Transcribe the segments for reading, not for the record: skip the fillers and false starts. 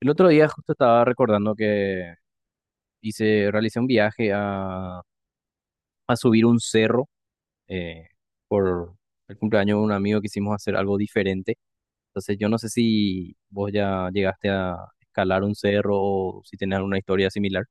El otro día justo estaba recordando que hice, realicé un viaje a subir un cerro eh, por el cumpleaños de un amigo quisimos hacer algo diferente. Entonces yo no sé si vos ya llegaste a escalar un cerro o si tenés alguna historia similar.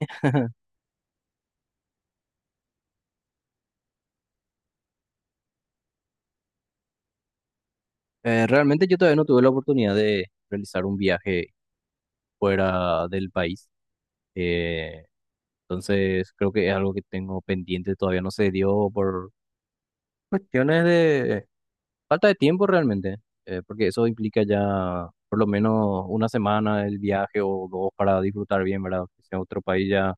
Realmente yo todavía no tuve la oportunidad de realizar un viaje fuera del país. Eh, entonces creo que es algo que tengo pendiente, todavía no se dio por cuestiones de falta de tiempo realmente, porque eso implica ya por lo menos una semana el viaje o dos para disfrutar bien, ¿verdad? Que sea otro país ya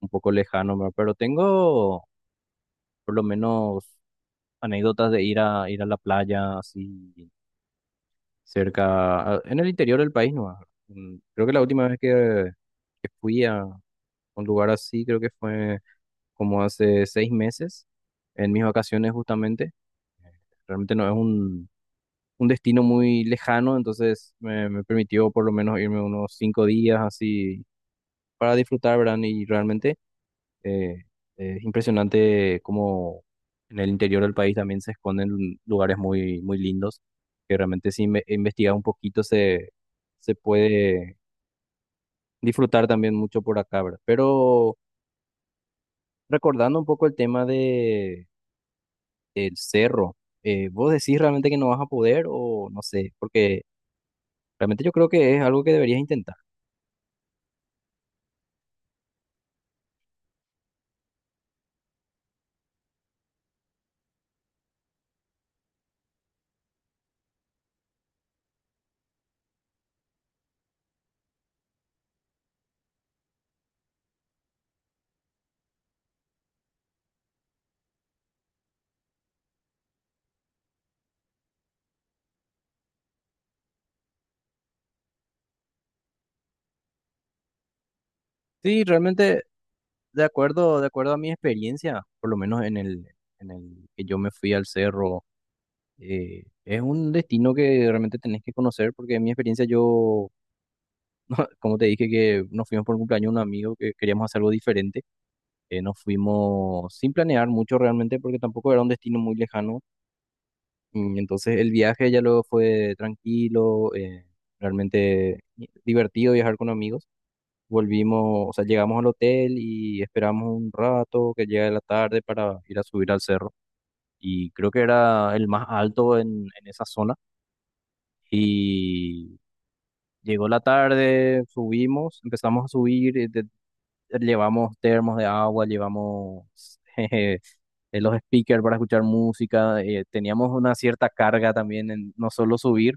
un poco lejano, ¿verdad? Pero tengo por lo menos anécdotas de ir a la playa así cerca, en el interior del país, ¿no? Creo que la última vez que fui a un lugar así, creo que fue como hace 6 meses, en mis vacaciones justamente. Realmente no es un destino muy lejano, entonces me permitió por lo menos irme unos 5 días así para disfrutar, ¿verdad? Y realmente eh, es impresionante cómo en el interior del país también se esconden lugares muy, muy lindos, que realmente si investigas un poquito se puede disfrutar también mucho por acá, ¿verdad? Pero recordando un poco el tema del cerro, ¿vos decís realmente que no vas a poder o no sé? Porque realmente yo creo que es algo que deberías intentar. Sí, realmente, de acuerdo a mi experiencia, por lo menos en el que yo me fui al cerro, es un destino que realmente tenés que conocer, porque en mi experiencia yo, como te dije, que nos fuimos por un cumpleaños de un amigo que queríamos hacer algo diferente, nos fuimos sin planear mucho realmente, porque tampoco era un destino muy lejano, entonces el viaje ya luego fue tranquilo, realmente divertido viajar con amigos. Volvimos, o sea, llegamos al hotel y esperamos un rato que llegue la tarde para ir a subir al cerro. Y creo que era el más alto en esa zona. Y llegó la tarde, subimos, empezamos a subir, llevamos termos de agua, llevamos jeje, los speakers para escuchar música, teníamos una cierta carga también en no solo subir.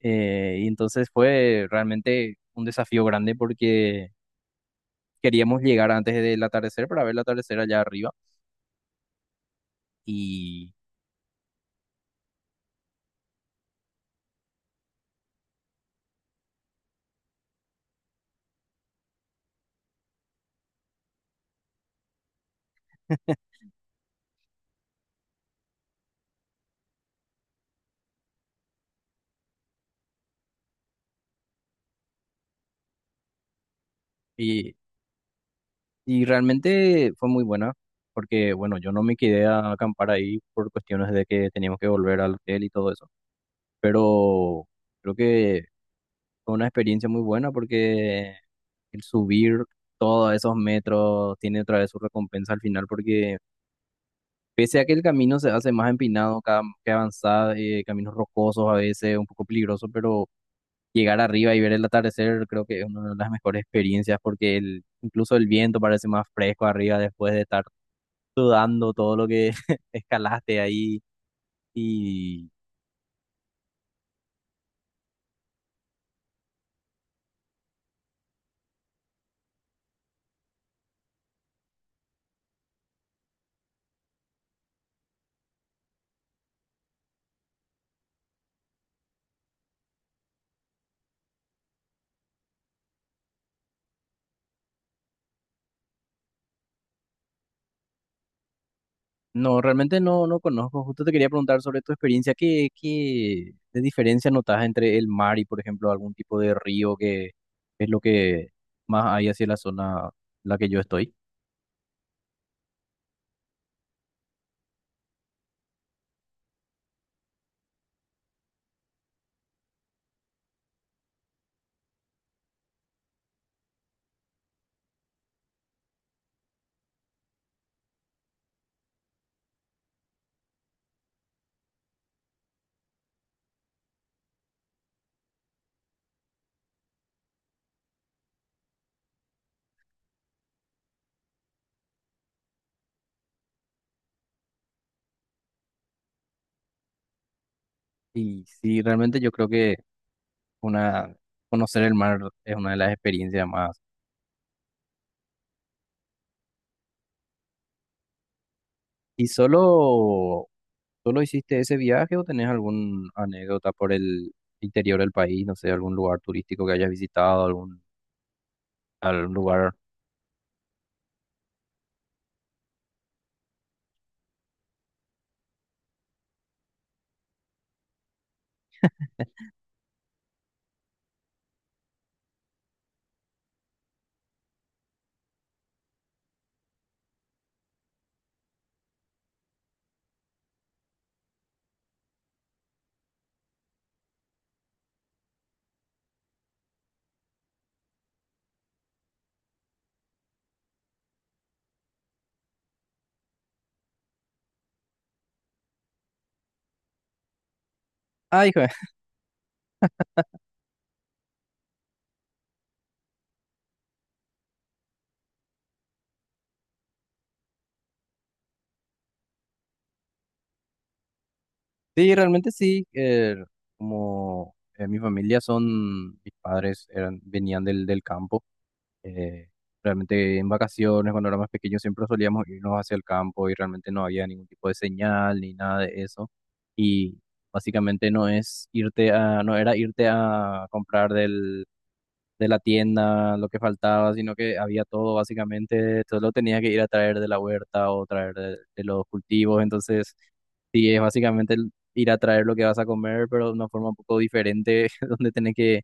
Y entonces fue realmente un desafío grande porque queríamos llegar antes del atardecer para ver el atardecer allá arriba y, y, y realmente fue muy buena porque bueno, yo no me quedé a acampar ahí por cuestiones de que teníamos que volver al hotel y todo eso, pero creo que fue una experiencia muy buena porque el subir todos esos metros tiene otra vez su recompensa al final porque pese a que el camino se hace más empinado, cada que avanza, caminos rocosos a veces, un poco peligroso, pero llegar arriba y ver el atardecer creo que es una de las mejores experiencias porque el, incluso el viento parece más fresco arriba después de estar sudando todo lo que escalaste ahí y no, realmente no, no conozco. Justo te quería preguntar sobre tu experiencia. Qué de diferencia notas entre el mar y, por ejemplo, algún tipo de río que es lo que más hay hacia la zona en la que yo estoy? Y sí, realmente yo creo que una, conocer el mar es una de las experiencias más. Y solo ¿Solo hiciste ese viaje o tenés alguna anécdota por el interior del país? No sé, algún lugar turístico que hayas visitado, algún, algún lugar. Ah, hijo, sí, realmente sí. Como mi familia son, mis padres eran, venían del campo. eh, Realmente en vacaciones, cuando éramos pequeños, siempre solíamos irnos hacia el campo y realmente no había ningún tipo de señal ni nada de eso. Y básicamente no era irte a comprar del de la tienda, lo que faltaba, sino que había todo básicamente, solo tenía que ir a traer de la huerta o traer de los cultivos, entonces sí, es básicamente el ir a traer lo que vas a comer, pero de una forma un poco diferente, donde tenés que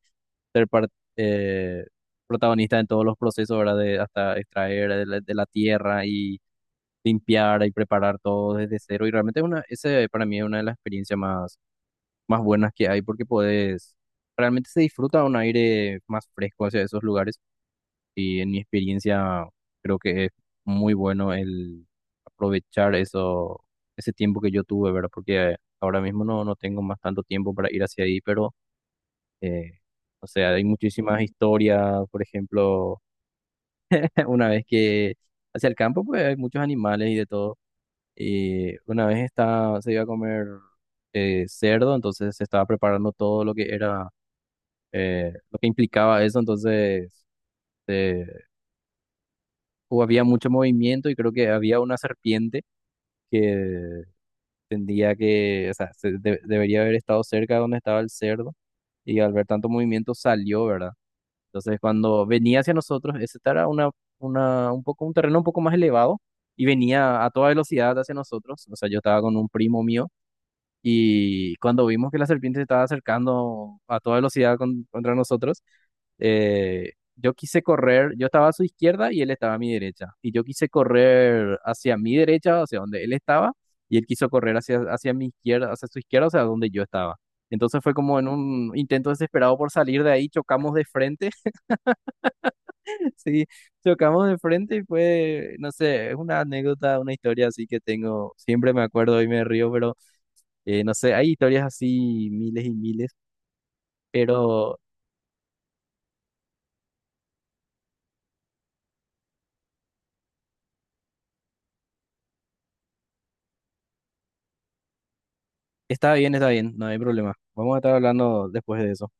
ser par- eh, protagonista en todos los procesos, ¿verdad? De, hasta extraer de la tierra y limpiar y preparar todo desde cero, y realmente es una, ese para mí es una de las experiencias más, más buenas que hay, porque podés... Realmente se disfruta un aire más fresco hacia esos lugares. Y en mi experiencia creo que es muy bueno el aprovechar eso, ese tiempo que yo tuve, ¿verdad? Porque ahora mismo no, no tengo más tanto tiempo para ir hacia ahí, pero, eh, o sea, hay muchísimas historias, por ejemplo, una vez que hacia el campo, pues hay muchos animales y de todo. Y una vez se iba a comer cerdo, entonces se estaba preparando todo lo que era, lo que implicaba eso, entonces eh, o había mucho movimiento y creo que había una serpiente que tendría que, o sea, debería haber estado cerca de donde estaba el cerdo y al ver tanto movimiento salió, ¿verdad? Entonces cuando venía hacia nosotros, ese era un terreno un poco más elevado y venía a toda velocidad hacia nosotros, o sea, yo estaba con un primo mío y cuando vimos que la serpiente se estaba acercando a toda velocidad contra nosotros, yo quise correr, yo estaba a su izquierda y él estaba a mi derecha. Y yo quise correr hacia mi derecha, hacia donde él estaba, y él quiso correr hacia mi izquierda, hacia su izquierda, o sea, donde yo estaba. Entonces fue como en un intento desesperado por salir de ahí, chocamos de frente, sí, chocamos de frente y fue, no sé, es una anécdota, una historia así que tengo, siempre me acuerdo y me río, pero... No sé, hay historias así miles y miles, pero está bien, no hay problema. Vamos a estar hablando después de eso.